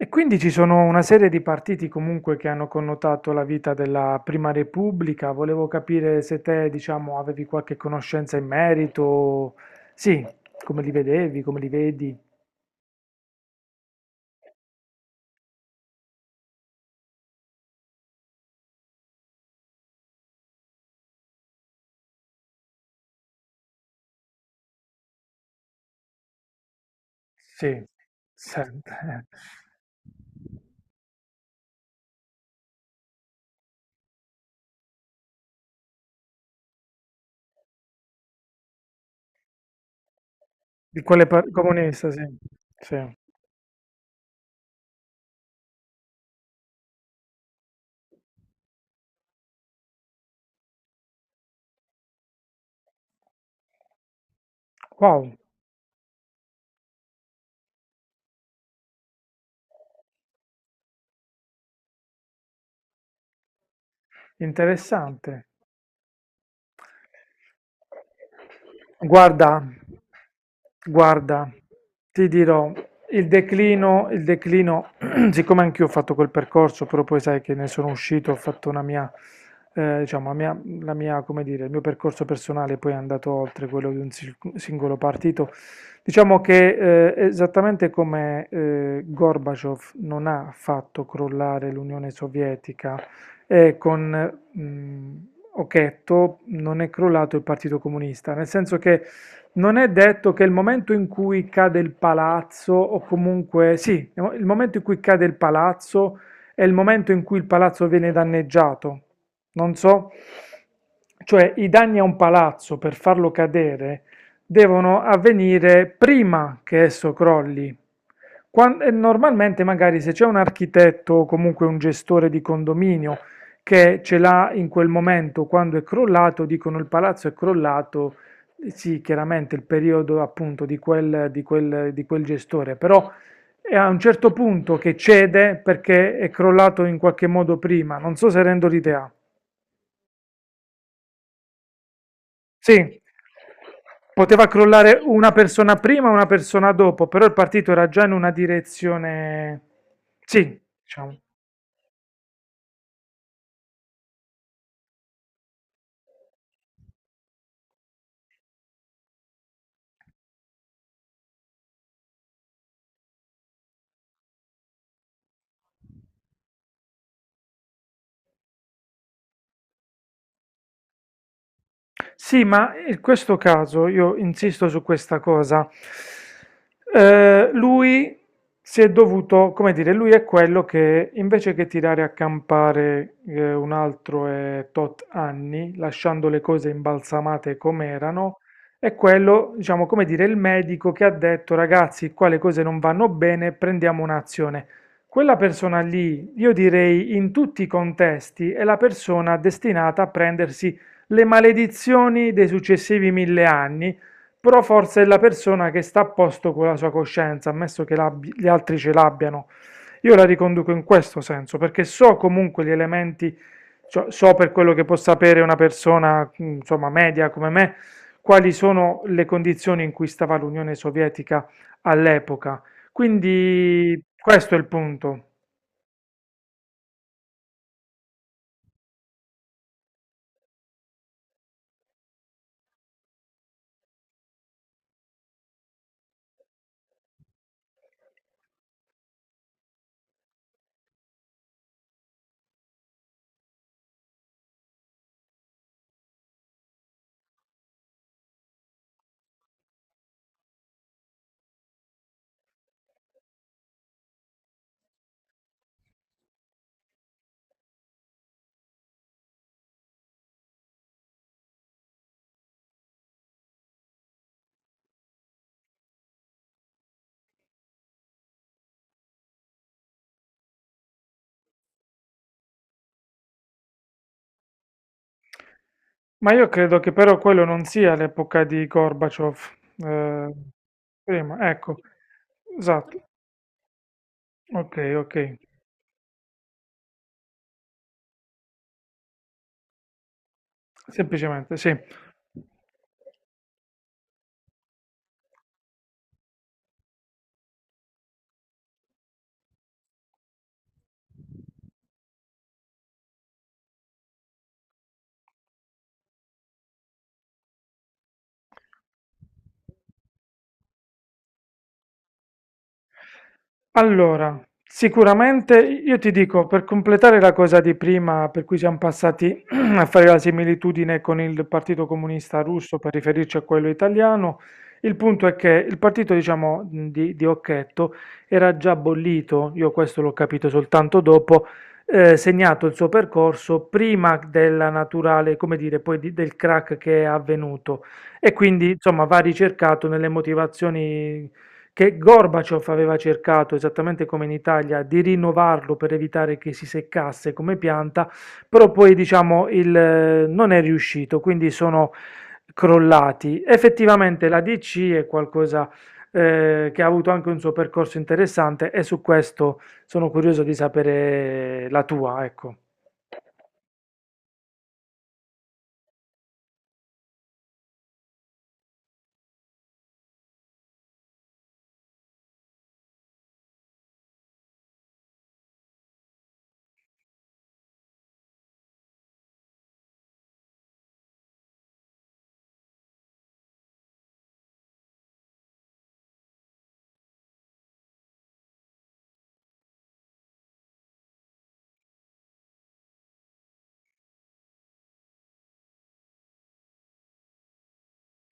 E quindi ci sono una serie di partiti comunque che hanno connotato la vita della Prima Repubblica. Volevo capire se te, diciamo, avevi qualche conoscenza in merito. Sì, come li vedevi, come li vedi. Sì, sempre. Comunista, sì. Sì. Wow, interessante. Guarda, guarda, ti dirò, il declino, siccome anch'io ho fatto quel percorso, però poi sai che ne sono uscito, ho fatto una mia, diciamo, la mia, come dire, il mio percorso personale poi è andato oltre quello di un singolo partito. Diciamo che esattamente come Gorbaciov non ha fatto crollare l'Unione Sovietica, con Occhetto non è crollato il Partito Comunista, nel senso che non è detto che il momento in cui cade il palazzo, o comunque sì, il momento in cui cade il palazzo è il momento in cui il palazzo viene danneggiato. Non so, cioè i danni a un palazzo per farlo cadere devono avvenire prima che esso crolli. E normalmente magari se c'è un architetto o comunque un gestore di condominio che ce l'ha in quel momento quando è crollato, dicono il palazzo è crollato, sì, chiaramente il periodo appunto di quel gestore, però è a un certo punto che cede perché è crollato in qualche modo prima, non so se rendo l'idea. Sì, poteva crollare una persona prima, una persona dopo, però il partito era già in una direzione, sì, diciamo. Sì, ma in questo caso io insisto su questa cosa. Lui si è dovuto, come dire, lui è quello che invece che tirare a campare un altro e tot anni, lasciando le cose imbalsamate come erano, è quello, diciamo, come dire, il medico che ha detto, ragazzi, qua le cose non vanno bene, prendiamo un'azione. Quella persona lì, io direi in tutti i contesti, è la persona destinata a prendersi le maledizioni dei successivi mille anni, però forse è la persona che sta a posto con la sua coscienza, ammesso che gli altri ce l'abbiano. Io la riconduco in questo senso, perché so comunque gli elementi, cioè, so per quello che può sapere una persona, insomma, media come me, quali sono le condizioni in cui stava l'Unione Sovietica all'epoca. Quindi questo è il punto. Ma io credo che però quello non sia l'epoca di Gorbaciov. Eh, prima, ecco, esatto, ok, ok, semplicemente, sì. Allora, sicuramente io ti dico, per completare la cosa di prima, per cui siamo passati a fare la similitudine con il Partito Comunista Russo per riferirci a quello italiano, il punto è che il partito, diciamo, di Occhetto era già bollito, io questo l'ho capito soltanto dopo, segnato il suo percorso prima della naturale, come dire, del crack che è avvenuto. E quindi, insomma, va ricercato nelle motivazioni che Gorbaciov aveva cercato, esattamente come in Italia, di rinnovarlo per evitare che si seccasse come pianta, però poi diciamo il, non è riuscito, quindi sono crollati. Effettivamente la DC è qualcosa che ha avuto anche un suo percorso interessante e su questo sono curioso di sapere la tua, ecco.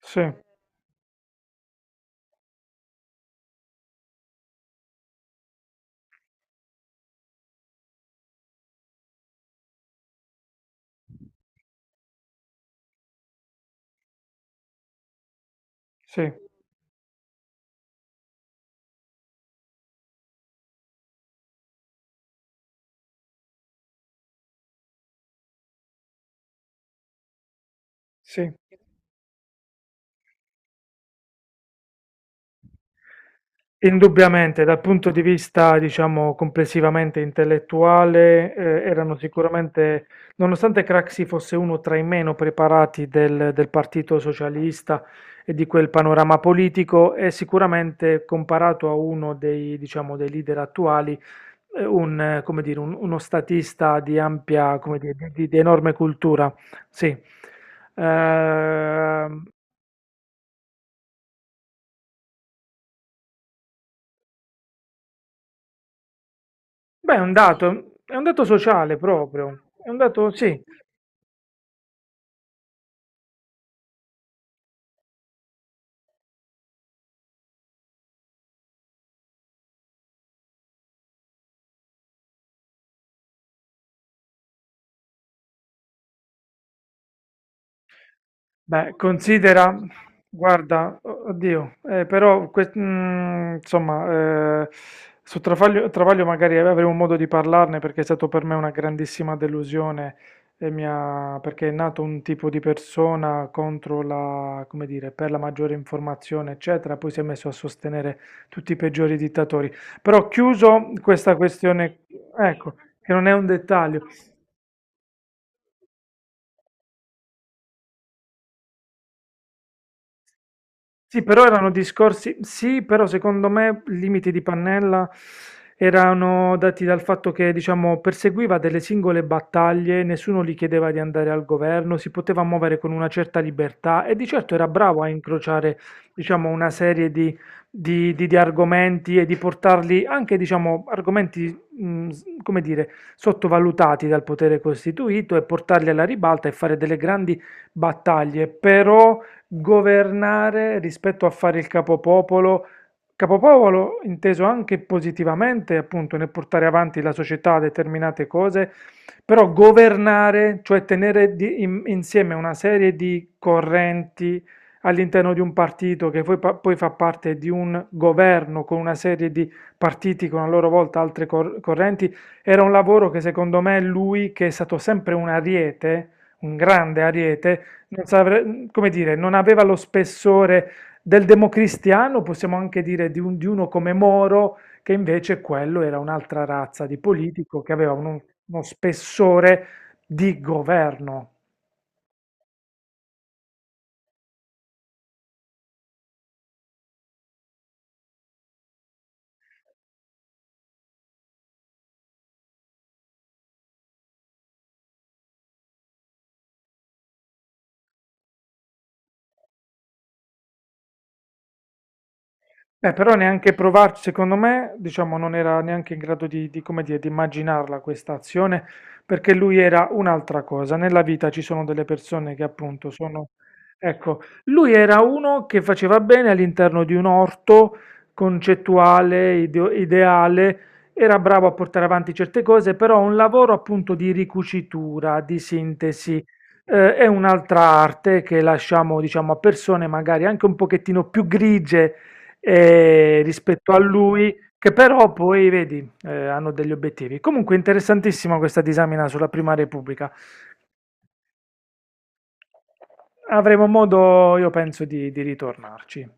Sì, sì, sì. Indubbiamente, dal punto di vista, diciamo, complessivamente intellettuale, erano sicuramente, nonostante Craxi fosse uno tra i meno preparati del Partito Socialista e di quel panorama politico, è sicuramente comparato a uno dei, diciamo, dei leader attuali, come dire, uno statista di ampia, come dire, di enorme cultura. Sì. Ehm, Beh, è un dato sociale proprio, è un dato, sì. Beh, considera, guarda, oddio, insomma, su Travaglio, Travaglio magari avremo modo di parlarne perché è stato per me una grandissima delusione e perché è nato un tipo di persona contro la, come dire, per la maggiore informazione, eccetera, poi si è messo a sostenere tutti i peggiori dittatori. Però chiuso questa questione, ecco, che non è un dettaglio. Sì, però erano discorsi, sì, però secondo me i limiti di Pannella erano dati dal fatto che, diciamo, perseguiva delle singole battaglie, nessuno gli chiedeva di andare al governo, si poteva muovere con una certa libertà e di certo era bravo a incrociare, diciamo, una serie di, di argomenti e di portarli anche, diciamo, argomenti, come dire, sottovalutati dal potere costituito e portarli alla ribalta e fare delle grandi battaglie, però governare rispetto a fare il capopopolo, capopopolo inteso anche positivamente, appunto, nel portare avanti la società determinate cose, però governare, cioè tenere insieme una serie di correnti all'interno di un partito che poi, poi fa parte di un governo con una serie di partiti con a loro volta altre correnti, era un lavoro che secondo me lui, che è stato sempre un ariete, un grande ariete, non saprei- come dire, non aveva lo spessore del democristiano, possiamo anche dire di, di uno come Moro, che invece quello era un'altra razza di politico che aveva uno spessore di governo. Però neanche provarci, secondo me, diciamo, non era neanche in grado di come dire, di immaginarla questa azione, perché lui era un'altra cosa. Nella vita ci sono delle persone che appunto sono... Ecco, lui era uno che faceva bene all'interno di un orto concettuale, ideale, era bravo a portare avanti certe cose, però un lavoro appunto di ricucitura, di sintesi, è un'altra arte che lasciamo, diciamo, a persone magari anche un pochettino più grigie rispetto a lui, che però poi, vedi, hanno degli obiettivi. Comunque interessantissima questa disamina sulla Prima Repubblica. Avremo modo, io penso, di ritornarci.